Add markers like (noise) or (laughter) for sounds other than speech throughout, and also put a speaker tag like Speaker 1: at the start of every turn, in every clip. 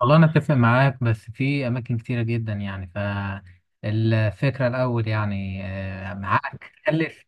Speaker 1: والله أنا أتفق معاك، بس في أماكن كتيرة جدا يعني، فالفكرة الأول يعني معاك تكلف.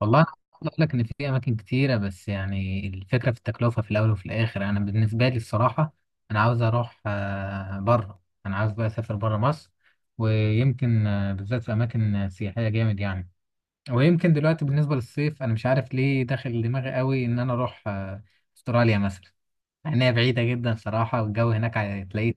Speaker 1: والله أنا عاوز أقول لك إن في أماكن كتيرة، بس يعني الفكرة في التكلفة في الأول وفي الآخر. أنا بالنسبة لي الصراحة، أنا عاوز أروح بره. أنا عاوز بقى أسافر بره مصر، ويمكن بالذات في أماكن سياحية جامد يعني. ويمكن دلوقتي بالنسبة للصيف أنا مش عارف ليه داخل دماغي قوي إن أنا أروح أستراليا مثلا، مع إنها بعيدة جدا صراحة، والجو هناك هتلاقيه.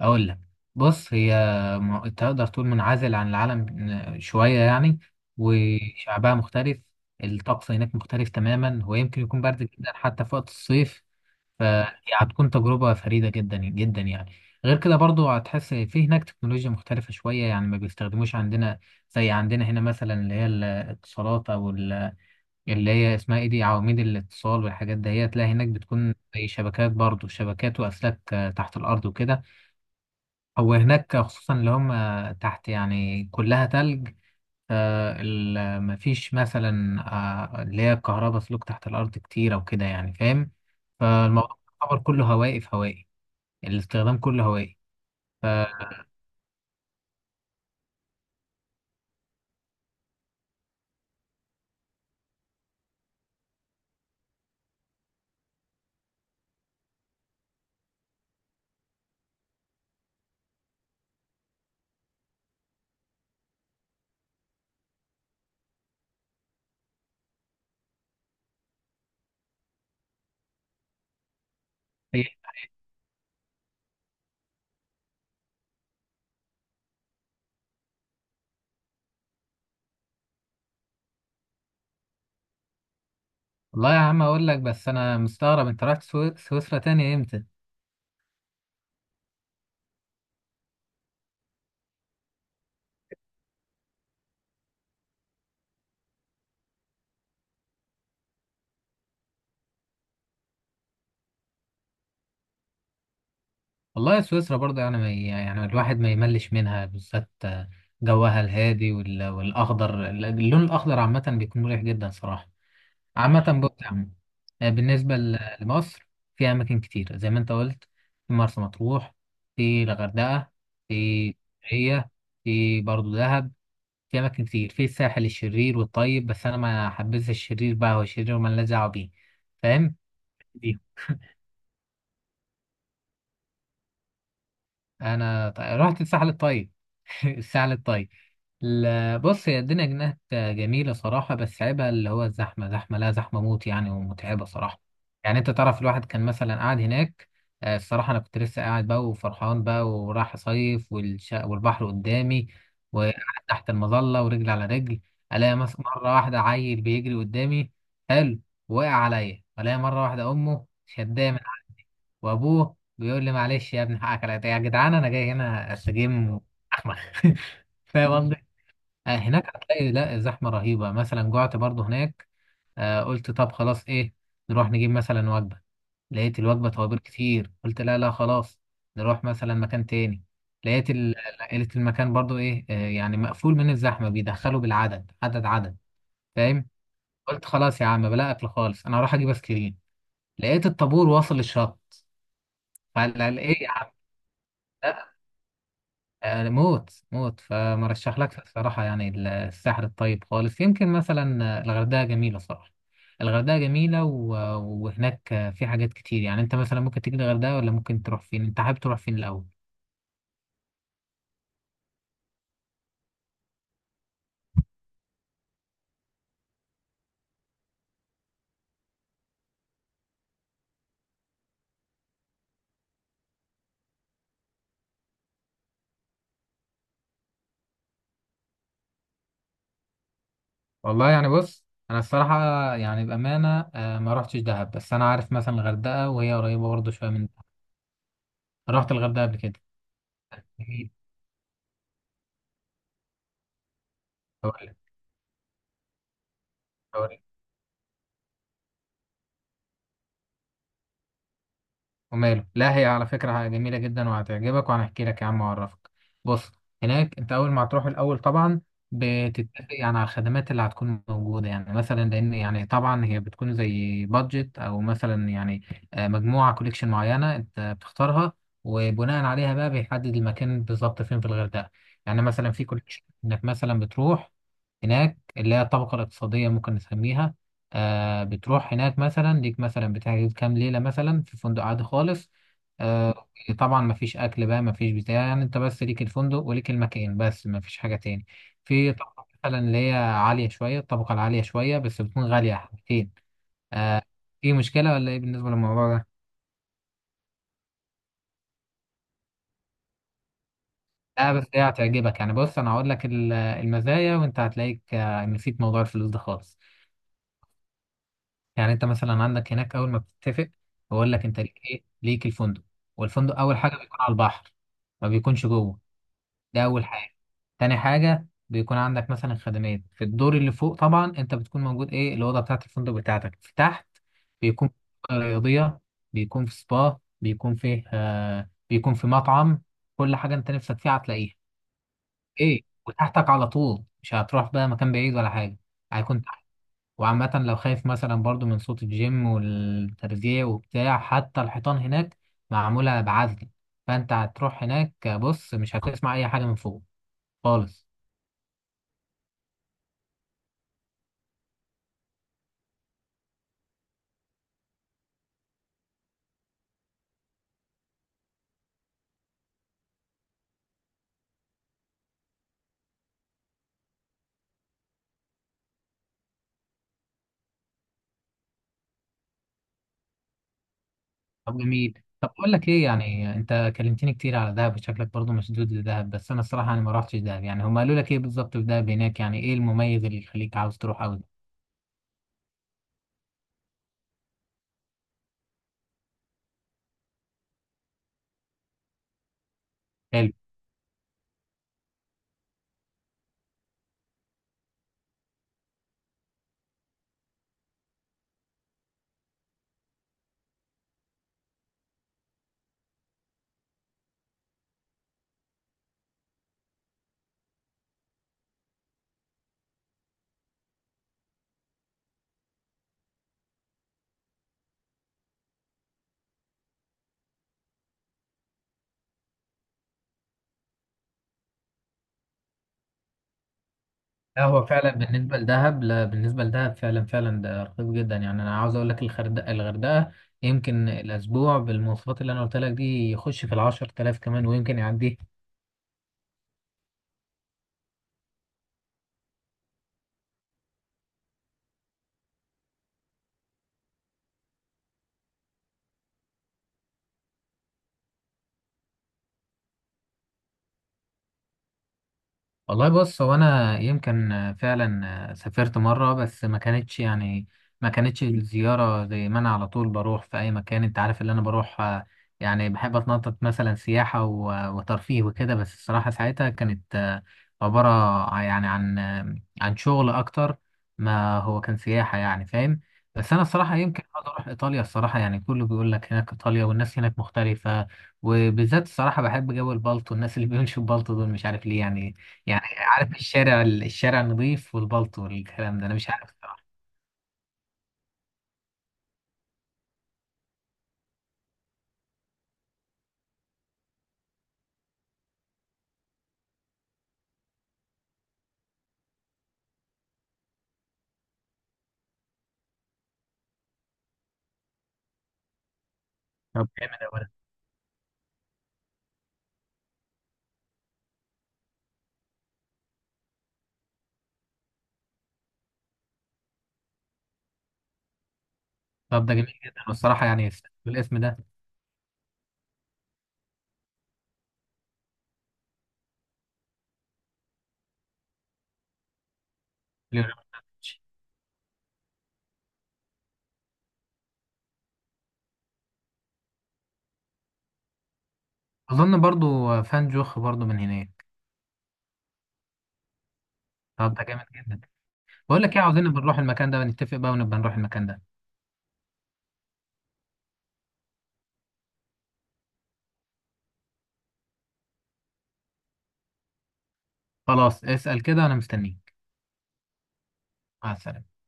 Speaker 1: أقول لك. بص هي تقدر تقول منعزل عن العالم شوية يعني. وشعبها مختلف، الطقس هناك مختلف تماما، ويمكن يكون برد جدا حتى في وقت الصيف. فهي هتكون تجربة فريدة جدا جدا يعني. غير كده برضو هتحس في هناك تكنولوجيا مختلفة شوية، يعني ما بيستخدموش عندنا زي عندنا هنا، مثلا اللي هي الاتصالات أو اللي هي اسمها ايه دي، عواميد الاتصال والحاجات دهيت، لا هناك بتكون زي شبكات، برضو شبكات وأسلاك تحت الأرض وكده. هو هناك خصوصا اللي هم تحت يعني كلها تلج. مفيش مثلا اللي هي كهرباء سلوك تحت الأرض كتير أو كده، يعني فاهم. فالموضوع يعتبر كله هوائي، في هوائي. الاستخدام كله هوائي. ف- إيه؟ والله يا عم أقول لك، بس أنا مستغرب، أنت رحت سويسرا تاني إمتى؟ والله سويسرا برضه، يعني ما يعني الواحد ما يملش منها، بالذات جوها الهادي والأخضر، اللون الأخضر عامة بيكون مريح جدا صراحة. عامة بص يا عم، بالنسبة لمصر، في أماكن كتير زي ما أنت قلت. في مرسى مطروح، في الغردقة، في، هي، في برضه دهب، في أماكن كتير في الساحل الشرير والطيب، بس أنا ما حبيتش الشرير، بقى هو الشرير ومالناش دعوة بيه، فاهم؟ انا رحت الساحل الطيب. (laughs) الساحل الطيب. لا بص، هي الدنيا هناك جميلة صراحة، بس عيبها اللي هو الزحمة، زحمة لا زحمة موت يعني، ومتعبة صراحة. يعني انت تعرف، الواحد كان مثلا قاعد هناك، الصراحة انا كنت لسه قاعد بقى وفرحان بقى، وراح صيف، والبحر قدامي، وقاعد تحت المظلة ورجل على رجل. الاقي مرة واحدة عيل بيجري قدامي، حلو، وقع عليا. الاقي مرة واحدة امه شداه من وابوه بيقول لي، معلش يا ابني حقك عليا يا جدعان، انا جاي هنا استجم. احمد. (laughs) فاهم قصدي؟ هناك هتلاقي لا زحمه رهيبه. مثلا جعت برضو هناك، قلت طب خلاص ايه، نروح نجيب مثلا وجبه. لقيت الوجبه توابل كتير، قلت لا لا خلاص، نروح مثلا مكان تاني. لقيت المكان برضو ايه، يعني مقفول من الزحمه، بيدخلوا بالعدد، عدد عدد، فاهم. قلت خلاص يا عم، بلا اكل خالص، انا هروح اجيب ايس كريم. لقيت الطابور واصل للشط. فقال ايه يا عم؟ موت موت. فمرشح لك صراحة يعني الساحل الطيب خالص. يمكن مثلا الغردقة جميلة صراحة. الغردقة جميلة وهناك في حاجات كتير يعني. انت مثلا ممكن تيجي الغردقة، ولا ممكن تروح فين، انت حابب تروح فين الأول؟ والله يعني بص، انا الصراحة يعني بأمانة ما رحتش دهب، بس انا عارف مثلا الغردقة، وهي قريبة برضه شوية من دهب. رحت الغردقة قبل كده. جميل. هقول لك وماله. لا هي على فكرة جميلة جدا وهتعجبك، وهنحكي لك يا عم وأعرفك. بص، هناك أنت أول ما هتروح الأول طبعا بتتفق يعني على الخدمات اللي هتكون موجودة، يعني مثلا، لأن يعني طبعا هي بتكون زي بادجت، أو مثلا يعني مجموعة كوليكشن معينة أنت بتختارها، وبناء عليها بقى بيحدد المكان بالظبط فين في الغردقة. يعني مثلا في كوليكشن إنك مثلا بتروح هناك اللي هي الطبقة الاقتصادية ممكن نسميها. آه بتروح هناك مثلا ليك، مثلا بتحجز كام ليلة مثلا في فندق عادي خالص. آه، طبعا مفيش أكل بقى، مفيش بتاع يعني، أنت بس ليك الفندق وليك المكان، بس مفيش حاجة تاني. في طبقة مثلا اللي هي عالية شوية، الطبقة العالية شوية بس بتكون غالية حبتين. آه. في مشكلة ولا إيه بالنسبة للموضوع ده؟ لا بس هي هتعجبك يعني، بص أنا هقول لك المزايا، وأنت هتلاقيك نسيت موضوع الفلوس ده خالص. يعني انت مثلا عندك هناك اول ما بتتفق، بقول لك انت ليك ايه، ليك الفندق. والفندق اول حاجه بيكون على البحر، ما بيكونش جوه. ده اول حاجه. تاني حاجه بيكون عندك مثلا خدمات في الدور اللي فوق. طبعا انت بتكون موجود، ايه الاوضه بتاعت الفندق بتاعتك في تحت، بيكون في منطقة رياضيه، بيكون في سبا، بيكون في مطعم. كل حاجه انت نفسك فيها هتلاقيها، ايه، وتحتك على طول، مش هتروح بقى مكان بعيد ولا حاجه. هيكون، وعامة لو خايف مثلا برضو من صوت الجيم والترزيع وبتاع، حتى الحيطان هناك معمولة بعزل. فانت هتروح هناك بص مش هتسمع اي حاجة من فوق خالص. طب جميل. طب اقول لك ايه، يعني انت كلمتني كتير على دهب، شكلك برضو مشدود لدهب. بس انا الصراحة انا ما رحتش دهب، يعني هم قالوا لك ايه بالظبط في دهب هناك؟ يعني ايه المميز اللي يخليك عاوز تروح قوي؟ لا هو فعلا بالنسبة لدهب، لا بالنسبة لدهب فعلا فعلا ده رخيص جدا، يعني أنا عاوز أقول لك الغردقة، الغردقة يمكن الأسبوع بالمواصفات اللي أنا قلت لك دي يخش في ال10 تلاف كمان ويمكن يعديه. والله بص، هو انا يمكن فعلا سافرت مره، بس ما كانتش الزياره زي ما انا على طول بروح في اي مكان. انت عارف اللي انا بروح يعني بحب اتنطط مثلا سياحه وترفيه وكده. بس الصراحه ساعتها كانت عباره يعني عن عن شغل اكتر، ما هو كان سياحه يعني فاهم. بس انا الصراحه يمكن عاوز اروح ايطاليا. الصراحه يعني كله بيقول لك هناك ايطاليا والناس هناك مختلفه، وبالذات الصراحه بحب جو البلطو، الناس اللي بيمشوا بالطو دول مش عارف ليه يعني. يعني عارف الشارع، الشارع النظيف والبلط والكلام ده، انا مش عارف الصراحه. طب جامد أوي ده. طب ده جميل جدا والصراحه يعني، الاسم ده. ليوناردوفيتش. اظن برضو فان جوخ برضو من هناك. طب ده جامد جدا. بقول لك ايه، عاوزين نبقى نروح المكان ده ونتفق بقى، ونبقى نروح المكان ده. خلاص اسأل كده انا مستنيك. مع السلامه.